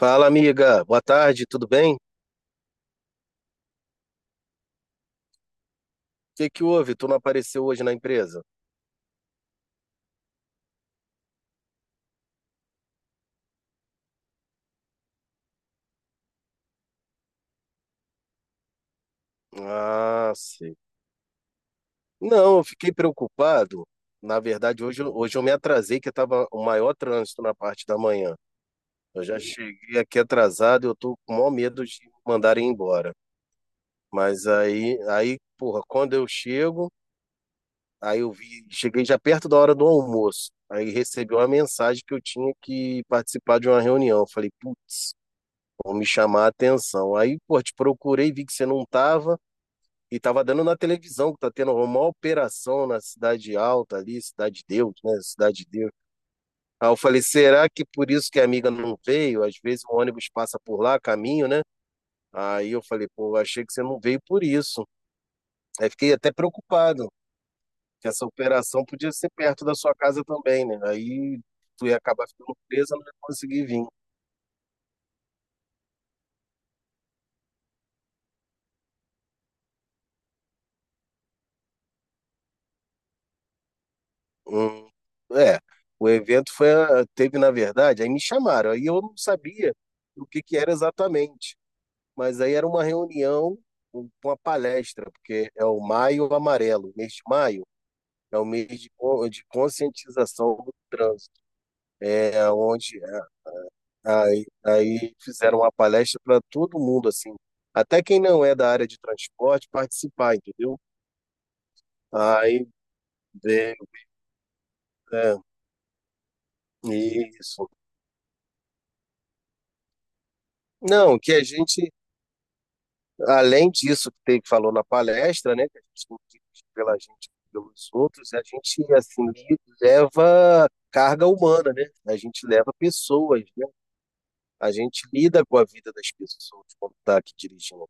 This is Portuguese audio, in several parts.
Fala, amiga. Boa tarde, tudo bem? O que que houve? Tu não apareceu hoje na empresa? Ah, sim. Não, eu fiquei preocupado. Na verdade, hoje eu me atrasei, que estava o maior trânsito na parte da manhã. Eu já cheguei aqui atrasado, e eu tô com o maior medo de me mandarem embora. Mas aí, porra, quando eu chego, aí eu vi, cheguei já perto da hora do almoço. Aí recebi uma mensagem que eu tinha que participar de uma reunião. Eu falei, putz. Vão me chamar a atenção. Aí, pô, te procurei, vi que você não tava e tava dando na televisão que tá tendo uma operação na Cidade Alta ali, Cidade de Deus, né? Cidade de Deus. Aí eu falei, será que por isso que a amiga não veio? Às vezes o ônibus passa por lá, caminho, né? Aí eu falei, pô, achei que você não veio por isso. Aí fiquei até preocupado, que essa operação podia ser perto da sua casa também, né? Aí tu ia acabar ficando presa, não ia conseguir vir. Hum, é, o evento foi, teve, na verdade, aí me chamaram, aí eu não sabia o que que era exatamente, mas aí era uma reunião, uma palestra, porque é o Maio Amarelo, o mês de maio é o mês de conscientização do trânsito, é onde é, aí fizeram uma palestra para todo mundo, assim, até quem não é da área de transporte participar, entendeu? Aí veio, é, isso. Não, que a gente além disso que teve que falou na palestra, né, que a gente tem pela gente pelos outros, a gente assim leva carga humana, né? A gente leva pessoas, né? A gente lida com a vida das pessoas quando está aqui dirigindo.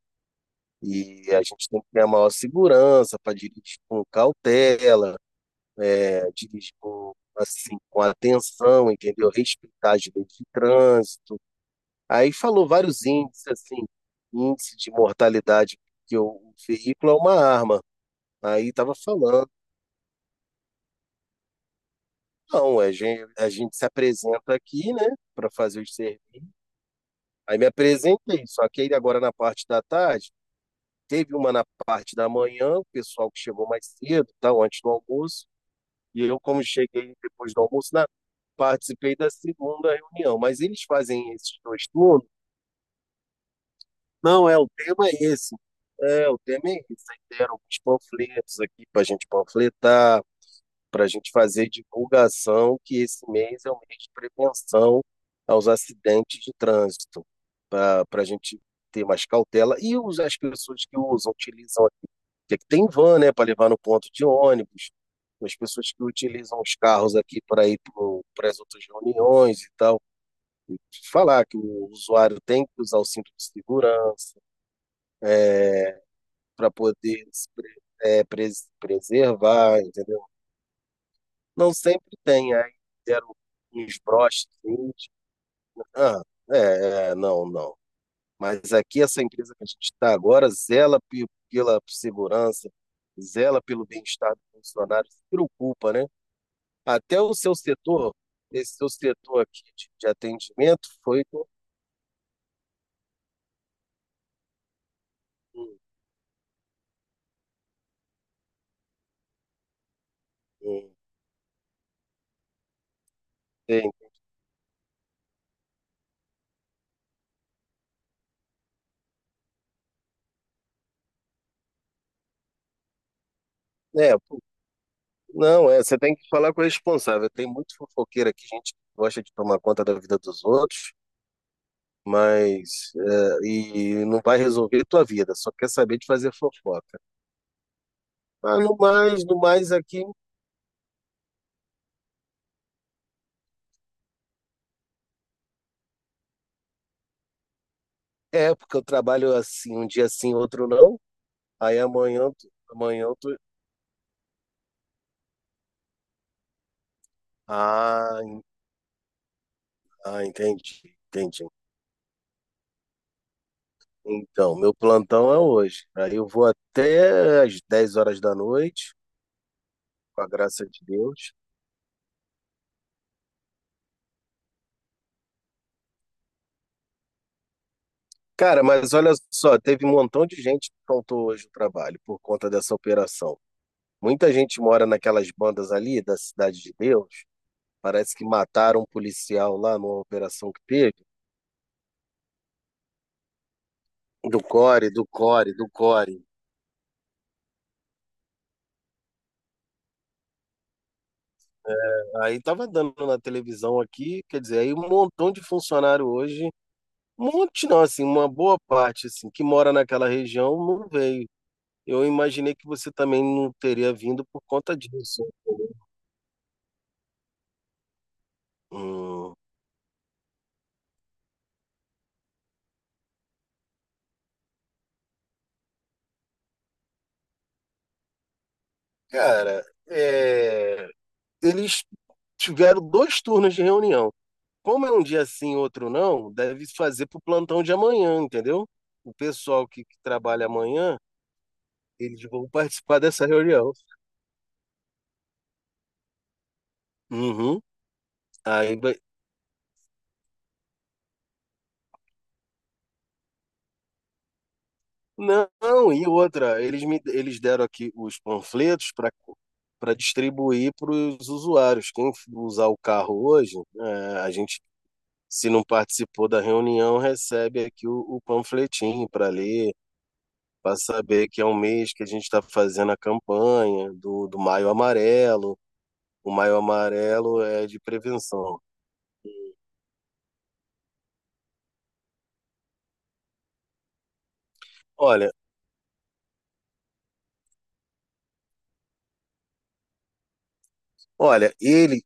E a gente tem que ter a maior segurança para dirigir com cautela, né? Dirigir com, assim, com atenção, entendeu? Respeitar as leis de trânsito. Aí falou vários índices, assim, índice de mortalidade, que o veículo é uma arma. Aí tava falando, não, a gente se apresenta aqui, né, para fazer os serviços. Aí me apresentei, só que aí agora na parte da tarde, teve uma na parte da manhã, o pessoal que chegou mais cedo, tal, antes do almoço, e eu, como cheguei depois do almoço, participei da segunda reunião. Mas eles fazem esses dois turnos? Não, é, o tema é esse. É, o tema é esse. Aí deram uns panfletos aqui para a gente panfletar, para a gente fazer divulgação que esse mês é o mês de prevenção aos acidentes de trânsito, para a gente ter mais cautela. E as pessoas que usam, utilizam aqui, que tem van, né, para levar no ponto de ônibus, as pessoas que utilizam os carros aqui para ir para as outras reuniões e tal, falar que o usuário tem que usar o cinto de segurança para poder se pre, é, pres, preservar, entendeu? Não sempre tem, aí deram uns broches. Ah, é, é, não, não. Mas aqui essa empresa que a gente está agora zela pela segurança, zela pelo bem-estar dos funcionários se preocupa, né? Até o seu setor, esse seu setor aqui de atendimento foi hum, hum, tem- é, pô, não, você tem que falar com o responsável. Tem muito fofoqueiro aqui, gente que gosta de tomar conta da vida dos outros. Mas e não vai resolver tua vida, só quer saber de fazer fofoca. Mas no mais aqui é porque eu trabalho assim, um dia sim, outro não. Aí amanhã, amanhã eu tô. Ah, ah, entendi, entendi. Então, meu plantão é hoje. Aí eu vou até às 10 horas da noite, com a graça de Deus. Cara, mas olha só, teve um montão de gente que faltou hoje o trabalho por conta dessa operação. Muita gente mora naquelas bandas ali da Cidade de Deus. Parece que mataram um policial lá numa operação que teve. Do Core, do Core, do Core. Aí tava dando na televisão aqui, quer dizer, aí um montão de funcionário hoje, um monte não, assim, uma boa parte, assim, que mora naquela região não veio. Eu imaginei que você também não teria vindo por conta disso. Hum, Cara, eles tiveram dois turnos de reunião. Como é um dia sim, outro não, deve fazer para o plantão de amanhã, entendeu? O pessoal que trabalha amanhã, eles vão participar dessa reunião. Uhum. Aí vai- Não, e outra, eles deram aqui os panfletos para distribuir para os usuários. Quem usar o carro hoje, se não participou da reunião, recebe aqui o panfletinho para ler, para saber que é um mês que a gente está fazendo a campanha do Maio Amarelo. O Maio Amarelo é de prevenção. Olha, olha, ele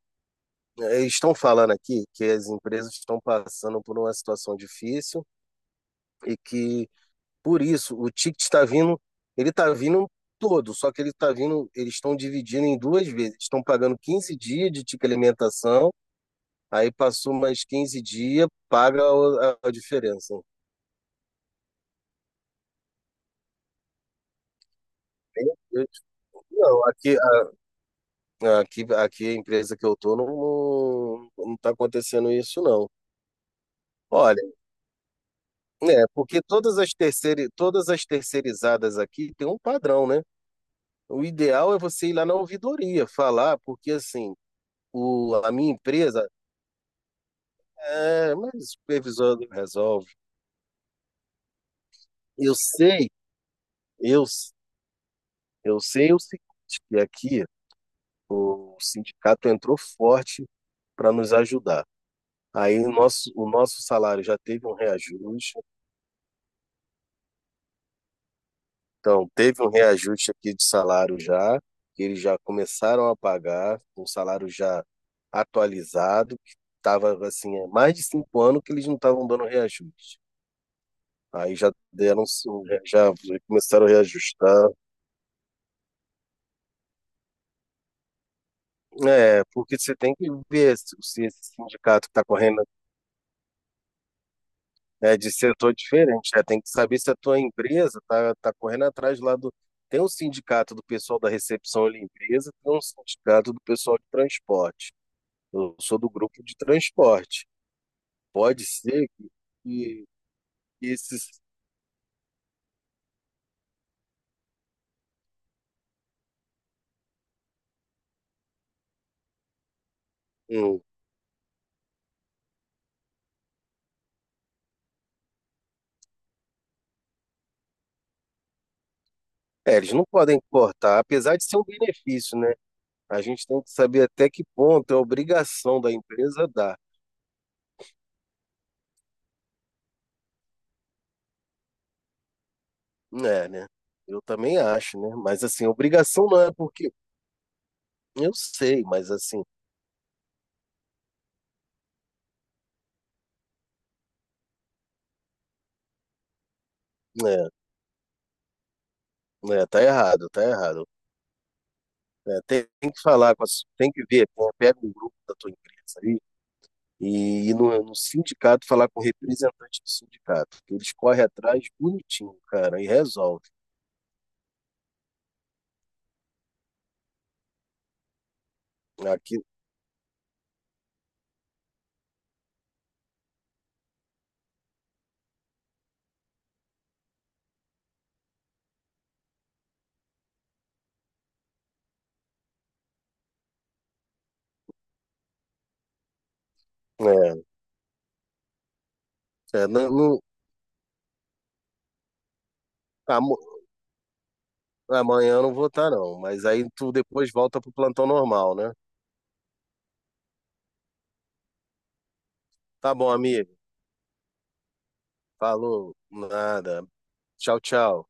eh, estão falando aqui que as empresas estão passando por uma situação difícil e que por isso o ticket está vindo, ele está vindo todo, só que ele está vindo, eles estão dividindo em duas vezes. Estão pagando 15 dias de ticket alimentação, aí passou mais 15 dias, paga a diferença. Meu Deus. Não, aqui, aqui a empresa que eu tô não, não, não tá acontecendo isso, não. Olha, é, porque todas as terceirizadas aqui têm um padrão, né? O ideal é você ir lá na ouvidoria falar, porque assim, a minha empresa, mas o supervisor não resolve. Eu sei, eu, eu sei o seguinte, que aqui o sindicato entrou forte para nos ajudar. Aí o nosso salário já teve um reajuste. Então, teve um reajuste aqui de salário já, que eles já começaram a pagar, um salário já atualizado, que estava assim, há mais de 5 anos que eles não estavam dando reajuste. Aí já deram, já começaram a reajustar. É, porque você tem que ver se esse sindicato está correndo, é, de setor diferente, né? Tem que saber se a tua empresa está tá tá correndo atrás lá do. Tem um sindicato do pessoal da recepção e limpeza, tem um sindicato do pessoal de transporte. Eu sou do grupo de transporte. Pode ser que esses. hum, Eles não podem cortar, apesar de ser um benefício, né? A gente tem que saber até que ponto é obrigação da empresa dar. É, né? Eu também acho, né? Mas assim, obrigação não é porque. Eu sei, mas assim, né, né? Tá errado, tá errado. É, tem que falar tem que ver, pô, pega um grupo da tua empresa aí e ir no sindicato falar com o representante do sindicato, que eles correm atrás bonitinho, cara, e resolve. Aqui, é, é, não, não- amo- amanhã eu não vou estar, não, mas aí tu depois volta pro plantão normal, né? Tá bom, amigo. Falou, nada. Tchau, tchau.